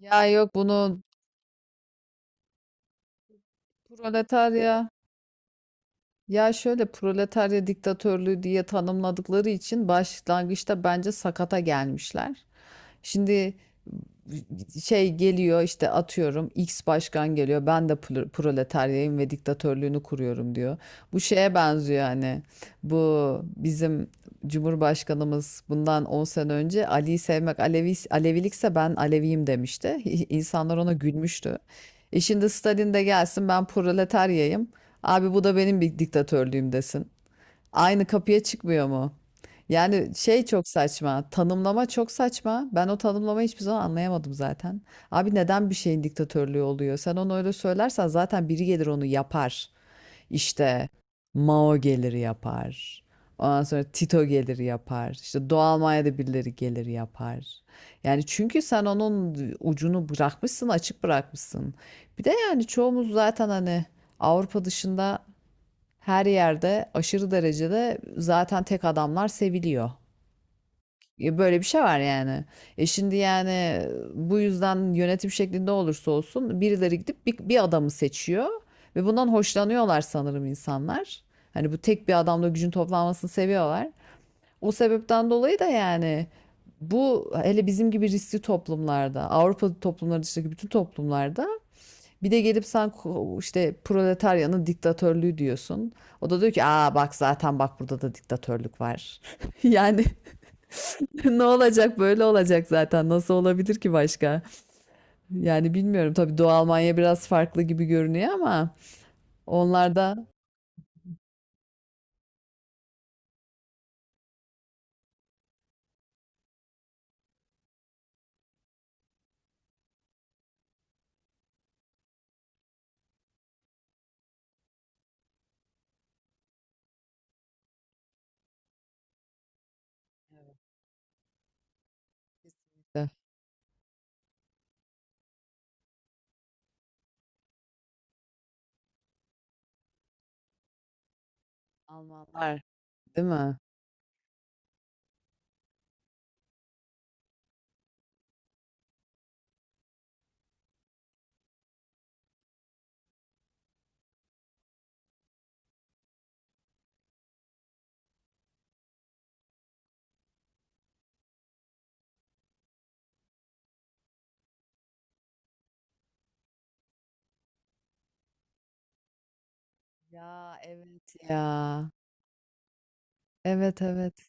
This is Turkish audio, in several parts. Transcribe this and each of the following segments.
Ya yok bunun proletarya Ya şöyle proletarya diktatörlüğü diye tanımladıkları için başlangıçta bence sakata gelmişler. Şimdi şey geliyor işte atıyorum X başkan geliyor ben de proletaryayım ve diktatörlüğünü kuruyorum diyor. Bu şeye benziyor hani bu bizim Cumhurbaşkanımız bundan 10 sene önce Ali'yi sevmek Alevi, Alevilikse ben Aleviyim demişti. İnsanlar ona gülmüştü. E şimdi Stalin de gelsin ben proletaryayım. Abi bu da benim bir diktatörlüğüm desin. Aynı kapıya çıkmıyor mu? Yani şey çok saçma. Tanımlama çok saçma. Ben o tanımlamayı hiçbir zaman anlayamadım zaten. Abi neden bir şeyin diktatörlüğü oluyor? Sen onu öyle söylersen zaten biri gelir onu yapar. İşte Mao gelir yapar. Ondan sonra Tito gelir yapar. İşte Doğu Almanya'da birileri gelir yapar. Yani çünkü sen onun ucunu bırakmışsın, açık bırakmışsın. Bir de yani çoğumuz zaten hani Avrupa dışında her yerde aşırı derecede zaten tek adamlar seviliyor. Böyle bir şey var yani. E şimdi yani bu yüzden yönetim şeklinde olursa olsun birileri gidip bir adamı seçiyor ve bundan hoşlanıyorlar sanırım insanlar. Hani bu tek bir adamla gücün toplanmasını seviyorlar. O sebepten dolayı da yani bu hele bizim gibi riskli toplumlarda, Avrupa toplumları dışındaki bütün toplumlarda bir de gelip sen işte proletaryanın diktatörlüğü diyorsun. O da diyor ki aa bak zaten bak burada da diktatörlük var. Yani ne olacak böyle olacak zaten nasıl olabilir ki başka? Yani bilmiyorum tabii Doğu Almanya biraz farklı gibi görünüyor ama onlar da Eh, Almanlar değil mi? Ya evet ya. Evet, evet.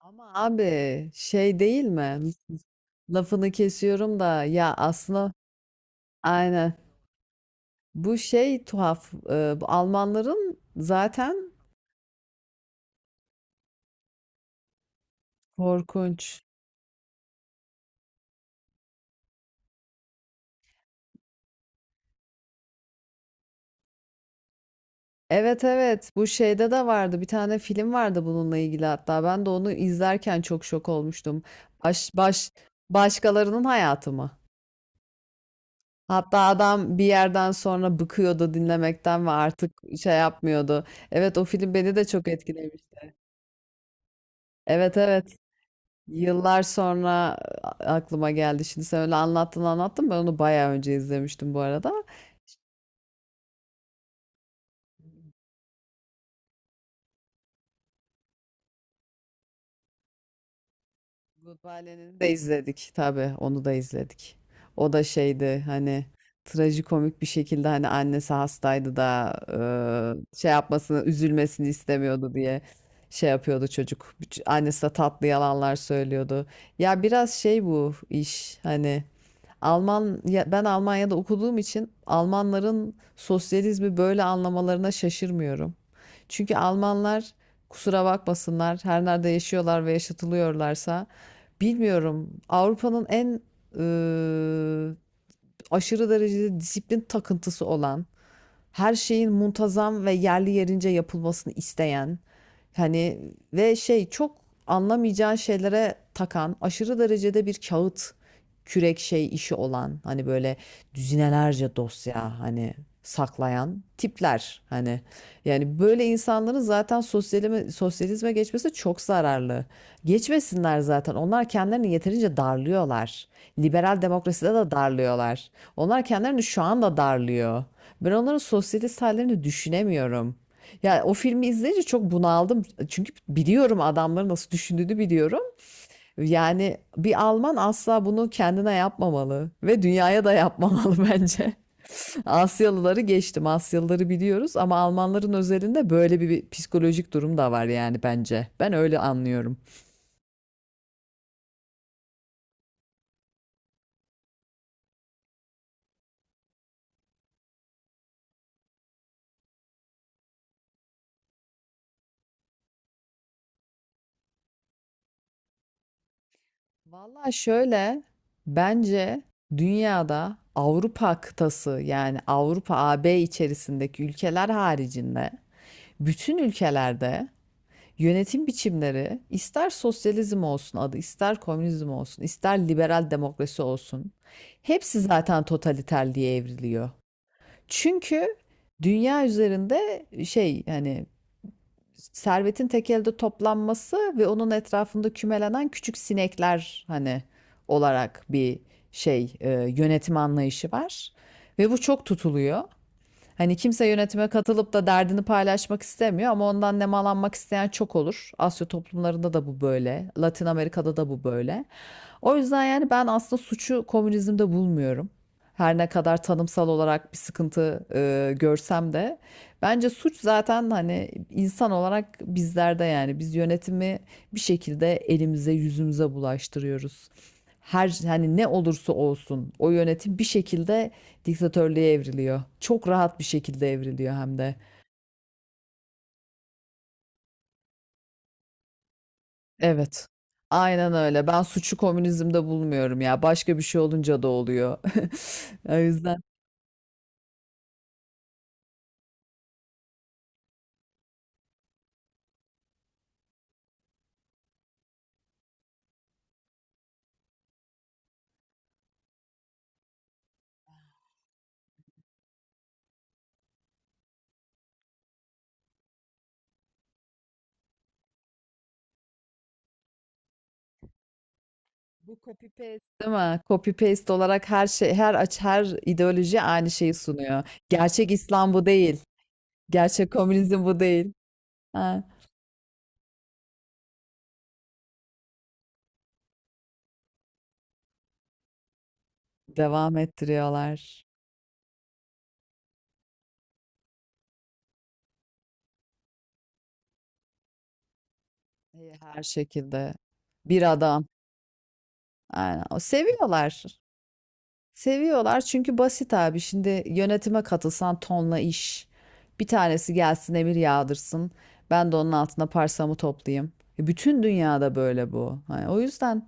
Ama abi şey değil mi? Lafını kesiyorum da ya aslında aynen. Bu şey tuhaf. Bu Almanların zaten korkunç. Evet, evet. Bu şeyde de vardı. Bir tane film vardı bununla ilgili hatta. Ben de onu izlerken çok şok olmuştum. Baş, baş, Başkalarının hayatı mı? Hatta adam bir yerden sonra bıkıyordu dinlemekten ve artık şey yapmıyordu. Evet, o film beni de çok etkilemişti. Evet, evet. Yıllar sonra aklıma geldi. Şimdi sen öyle anlattın anlattın. Ben onu bayağı önce izlemiştim bu arada. Goodbye'lerini de izledik tabii onu da izledik. O da şeydi hani trajikomik bir şekilde hani annesi hastaydı da şey yapmasını üzülmesini istemiyordu diye şey yapıyordu çocuk. Annesi de tatlı yalanlar söylüyordu. Ya biraz şey bu iş hani Alman ben Almanya'da okuduğum için Almanların sosyalizmi böyle anlamalarına şaşırmıyorum. Çünkü Almanlar kusura bakmasınlar her nerede yaşıyorlar ve yaşatılıyorlarsa bilmiyorum Avrupa'nın en eee, aşırı derecede disiplin takıntısı olan her şeyin muntazam ve yerli yerince yapılmasını isteyen hani ve şey çok anlamayacağı şeylere takan aşırı derecede bir kağıt kürek şey işi olan hani böyle düzinelerce dosya hani saklayan tipler hani yani böyle insanların zaten sosyalizme geçmesi çok zararlı. Geçmesinler zaten. Onlar kendilerini yeterince darlıyorlar. Liberal demokraside de darlıyorlar. Onlar kendilerini şu anda darlıyor. Ben onların sosyete hallerini düşünemiyorum. Yani o filmi izleyince çok bunaldım. Çünkü biliyorum adamların nasıl düşündüğünü biliyorum. Yani bir Alman asla bunu kendine yapmamalı ve dünyaya da yapmamalı bence. Asyalıları geçtim. Asyalıları biliyoruz ama Almanların özelinde böyle bir psikolojik durum da var yani bence. Ben öyle anlıyorum. Valla şöyle bence dünyada Avrupa kıtası yani Avrupa AB içerisindeki ülkeler haricinde bütün ülkelerde yönetim biçimleri ister sosyalizm olsun adı ister komünizm olsun ister liberal demokrasi olsun hepsi zaten totaliter diye evriliyor. Çünkü dünya üzerinde şey yani servetin tek elde toplanması ve onun etrafında kümelenen küçük sinekler hani olarak bir şey yönetim anlayışı var ve bu çok tutuluyor. Hani kimse yönetime katılıp da derdini paylaşmak istemiyor ama ondan nemalanmak isteyen çok olur. Asya toplumlarında da bu böyle, Latin Amerika'da da bu böyle. O yüzden yani ben aslında suçu komünizmde bulmuyorum. Her ne kadar tanımsal olarak bir sıkıntı görsem de bence suç zaten hani insan olarak bizlerde yani biz yönetimi bir şekilde elimize yüzümüze bulaştırıyoruz. Her hani ne olursa olsun o yönetim bir şekilde diktatörlüğe evriliyor. Çok rahat bir şekilde evriliyor hem de. Evet. Aynen öyle. Ben suçu komünizmde bulmuyorum ya. Başka bir şey olunca da oluyor. O yüzden bu copy paste değil mi? Copy paste olarak her şey, her aç, her ideoloji aynı şeyi sunuyor. Gerçek İslam bu değil. Gerçek komünizm bu değil. Ha, devam ettiriyorlar. İyi, her şekilde. Bir adam. Aynen. O seviyorlar. Seviyorlar çünkü basit abi. Şimdi yönetime katılsan tonla iş. Bir tanesi gelsin emir yağdırsın. Ben de onun altına parsamı toplayayım. Bütün dünyada böyle bu. Hani o yüzden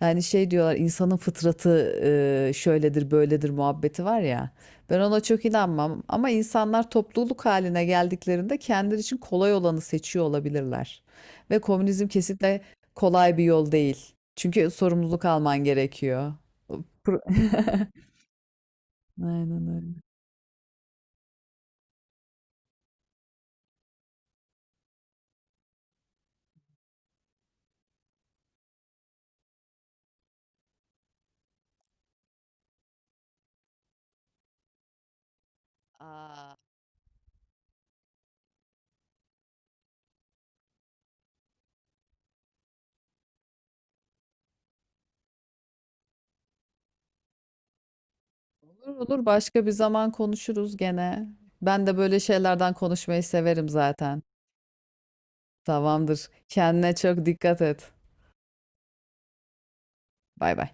yani şey diyorlar insanın fıtratı şöyledir böyledir muhabbeti var ya. Ben ona çok inanmam ama insanlar topluluk haline geldiklerinde kendileri için kolay olanı seçiyor olabilirler. Ve komünizm kesinlikle kolay bir yol değil. Çünkü sorumluluk alman gerekiyor. Pro- Aynen öyle. Aa, olur olur başka bir zaman konuşuruz gene. Ben de böyle şeylerden konuşmayı severim zaten. Tamamdır. Kendine çok dikkat et. Bay bay.